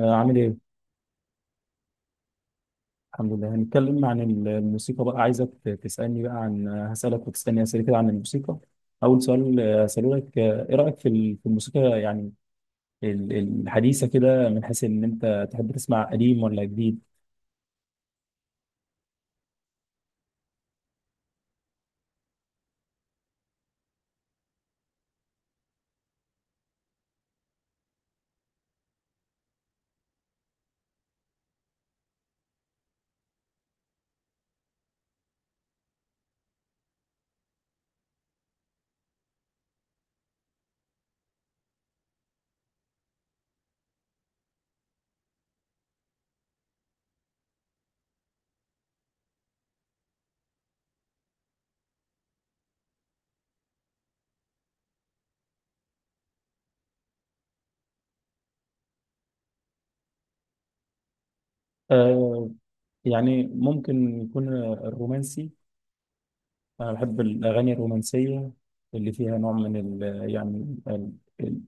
عامل ايه؟ الحمد لله هنتكلم عن الموسيقى بقى عايزك تسألني بقى عن هسألك وتسألني أسئلة كده عن الموسيقى. أول سؤال هسأله لك، إيه رأيك في في الموسيقى يعني الحديثة كده، من حيث إن أنت تحب تسمع قديم ولا جديد؟ آه، يعني ممكن يكون الرومانسي. أنا بحب الأغاني الرومانسية اللي فيها نوع من ال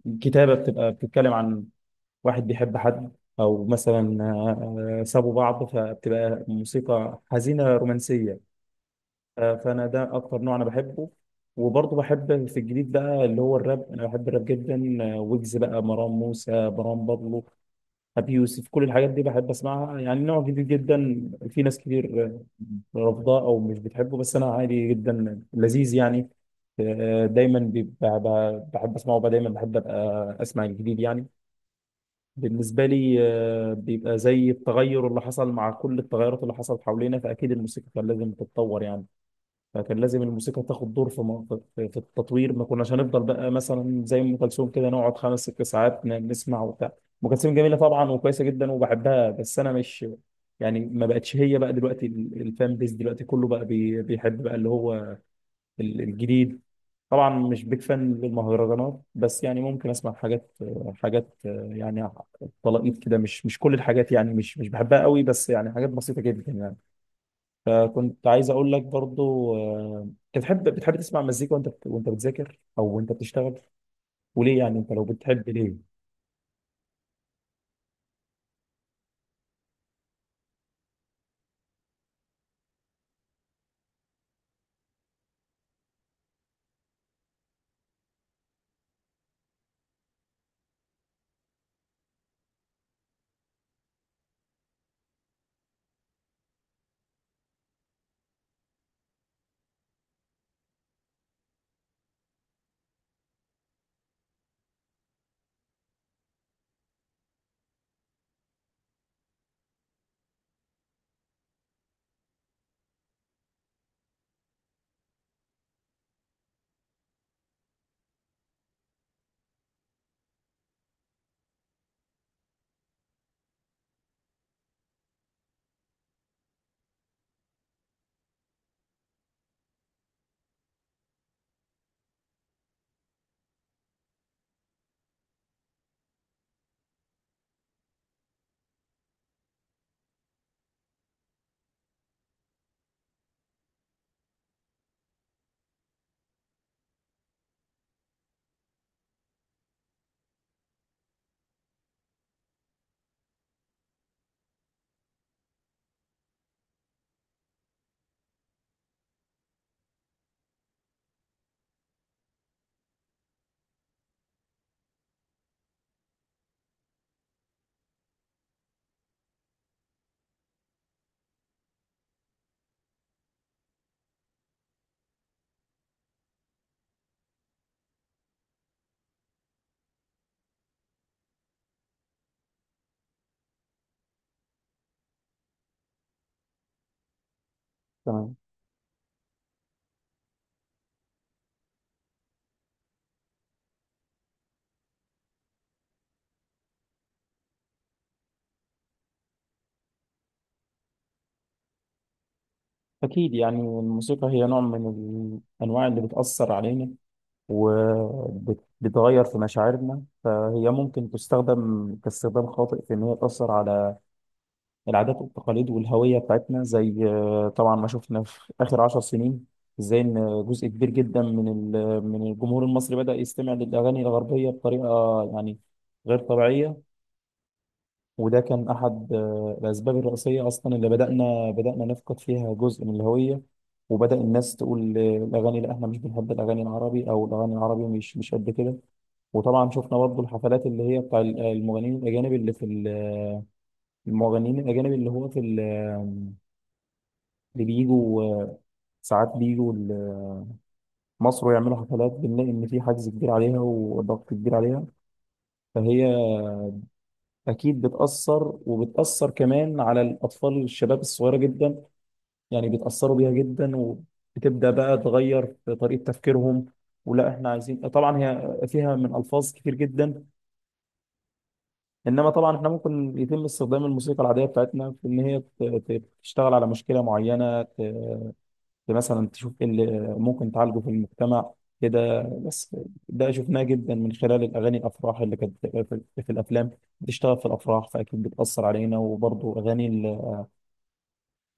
الكتابة بتبقى بتتكلم عن واحد بيحب حد، او مثلا سابوا بعض، فبتبقى موسيقى حزينه رومانسيه. فانا ده اكتر نوع انا بحبه. وبرضه بحب في الجديد بقى اللي هو الراب، انا بحب الراب جدا، ويجز بقى، مروان موسى، مروان بابلو، ابي يوسف، كل الحاجات دي بحب اسمعها. يعني نوع جديد جدا، في ناس كتير رافضاه او مش بتحبه، بس انا عادي جدا، لذيذ يعني. آه، دايما بيبقى- بحب اسمعه بقى، دايما بحب ابقى اسمع الجديد يعني. بالنسبة لي بيبقى زي التغير اللي حصل، مع كل التغيرات اللي حصلت حوالينا، فأكيد الموسيقى كان لازم تتطور يعني. فكان لازم الموسيقى تاخد دور في في التطوير. ما كناش هنفضل بقى مثلا زي أم كلثوم كده، نقعد خمس ست ساعات نسمع وبتاع. أم كلثوم جميلة طبعا وكويسة جدا وبحبها، بس أنا مش يعني ما بقتش هي بقى دلوقتي. الفان بيز دلوقتي كله بقى بيحب بقى اللي هو الجديد. طبعا مش بيك فان للمهرجانات، بس يعني ممكن اسمع حاجات حاجات يعني طلقيت كده، مش مش كل الحاجات يعني، مش مش بحبها قوي، بس يعني حاجات بسيطه جدا يعني. فكنت عايز اقول لك برضو، انت بتحب تسمع مزيكا وانت وانت بتذاكر، او وانت بتشتغل، وليه يعني انت لو بتحب ليه؟ تمام. اكيد يعني الموسيقى هي نوع من الانواع اللي بتاثر علينا وبتغير في مشاعرنا، فهي ممكن تستخدم كاستخدام خاطئ في ان هي تاثر على العادات والتقاليد والهوية بتاعتنا، زي طبعا ما شفنا في آخر عشر سنين ازاي ان جزء كبير جدا من من الجمهور المصري بدأ يستمع للأغاني الغربية بطريقة يعني غير طبيعية. وده كان أحد الأسباب الرئيسية أصلا اللي بدأنا نفقد فيها جزء من الهوية. وبدأ الناس تقول الأغاني لا، إحنا مش بنحب الأغاني العربي، أو الأغاني العربي مش مش قد كده. وطبعا شفنا برضه الحفلات اللي هي بتاع المغنيين الأجانب اللي في المغنيين الأجانب اللي هو في ال اللي بيجوا، ساعات بيجوا مصر ويعملوا حفلات، بنلاقي إن في حجز كبير عليها وضغط كبير عليها. فهي أكيد بتأثر، وبتأثر كمان على الأطفال الشباب الصغيرة جدا، يعني بيتأثروا بيها جدا. وبتبدأ بقى تغير في طريقة تفكيرهم، ولا احنا عايزين طبعا. هي فيها من الفاظ كتير جدا، انما طبعا احنا ممكن يتم استخدام الموسيقى العاديه بتاعتنا في ان هي تشتغل على مشكله معينه، مثلا تشوف ايه اللي ممكن تعالجه في المجتمع كده. بس ده شفناه جدا من خلال الاغاني الافراح اللي كانت في في الافلام بتشتغل في الافراح، فاكيد بتاثر علينا. وبرضه اغاني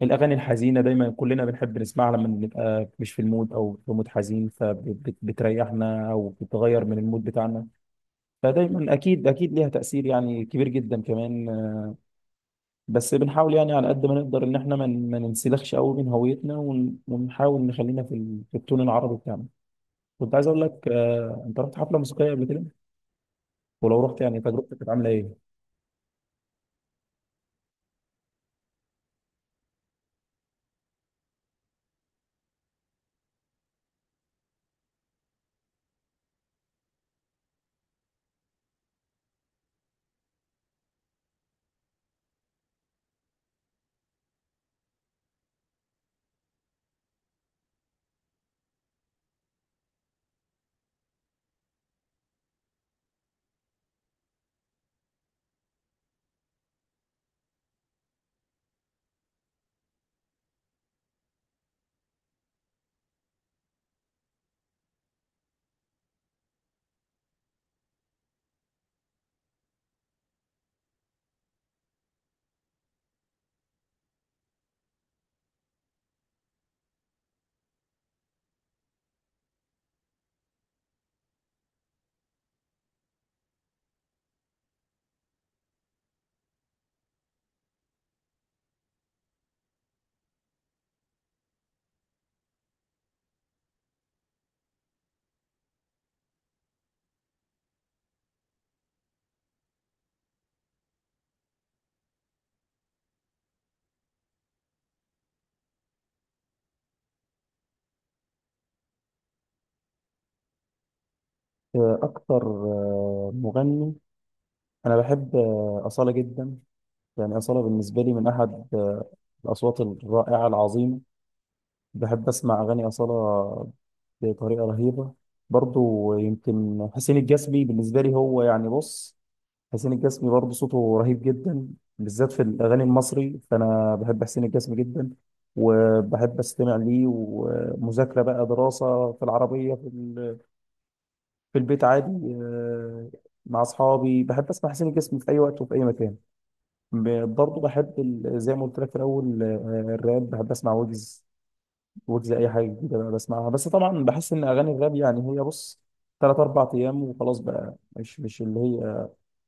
الاغاني الحزينه دايما كلنا بنحب نسمعها لما بنبقى مش في المود، او في مود حزين، فبتريحنا او بتغير من المود بتاعنا. فدايما اكيد اكيد ليها تاثير يعني كبير جدا كمان. بس بنحاول يعني على قد ما نقدر ان احنا ما ننسلخش قوي من هويتنا، ونحاول نخلينا في في التون العربي بتاعنا. كنت عايز اقول لك انت رحت حفله موسيقيه قبل كده؟ ولو رحت يعني تجربتك كانت عامله ايه؟ اكتر مغني انا بحب اصاله جدا، يعني اصاله بالنسبه لي من احد الاصوات الرائعه العظيمه. بحب اسمع اغاني اصاله بطريقه رهيبه. برضو يمكن حسين الجسمي، بالنسبه لي هو يعني بص، حسين الجسمي برضه صوته رهيب جدا، بالذات في الأغاني المصري، فأنا بحب حسين الجسمي جدا. وبحب أستمع ليه ومذاكرة بقى، دراسة، في العربية، في، في البيت عادي، مع أصحابي، بحب أسمع حسين الجسمي في أي وقت وفي أي مكان. برضه بحب زي ما قلت لك في الأول الراب، بحب أسمع ويجز. ويجز أي حاجة جديدة بقى بسمعها. بس طبعا بحس إن أغاني الراب يعني هي بص تلات أربع أيام وخلاص بقى، مش مش اللي هي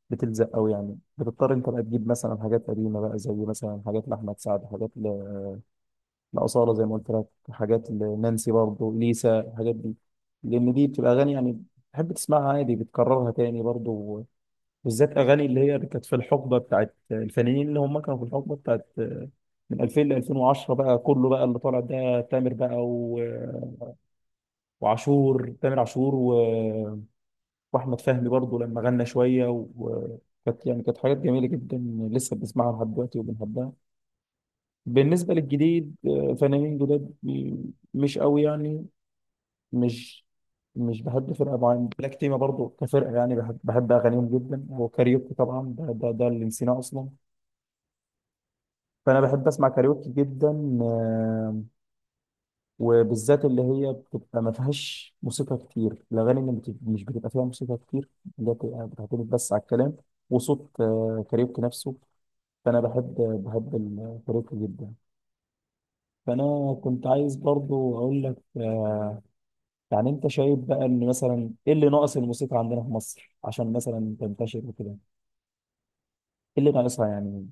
بتلزق قوي يعني. بتضطر انت بقى تجيب مثلا حاجات قديمه بقى، زي مثلا حاجات لاحمد سعد، حاجات لاصاله زي ما قلت لك، حاجات لنانسي برضه، ليسا، الحاجات دي. لان دي بتبقى اغاني يعني بتحب تسمعها عادي، بتكررها تاني برضه، بالذات اغاني اللي هي اللي كانت في الحقبه بتاعت الفنانين اللي هم كانوا في الحقبه بتاعت من 2000 ل 2010 بقى، كله بقى اللي طالع ده تامر بقى، و... وعاشور، تامر عاشور، و... واحمد فهمي برضه لما غنى شويه، وكانت يعني كانت حاجات جميله جدا لسه بنسمعها لحد دلوقتي وبنحبها. بالنسبه للجديد فنانين جداد مش قوي يعني. مش مش بحب فرقه معينه. بلاك تيما برضه كفرقه يعني بحب اغانيهم جدا. وكاريوكي طبعا، ده ده اللي نسيناه اصلا. فانا بحب اسمع كاريوكي جدا، وبالذات اللي هي بتبقى ما فيهاش موسيقى كتير، الاغاني اللي مش بتبقى فيها موسيقى كتير، اللي هي بتبقى بتعتمد بس على الكلام وصوت كاريوكي نفسه. فانا بحب الكاريوكي جدا. فانا كنت عايز برضو اقول لك يعني انت شايف بقى ان مثلا ايه اللي ناقص الموسيقى عندنا في مصر عشان مثلا تنتشر وكده؟ ايه اللي ناقصها يعني؟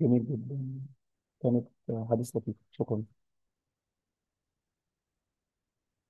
جميل جدا. كانت حديث لطيف، شكرا.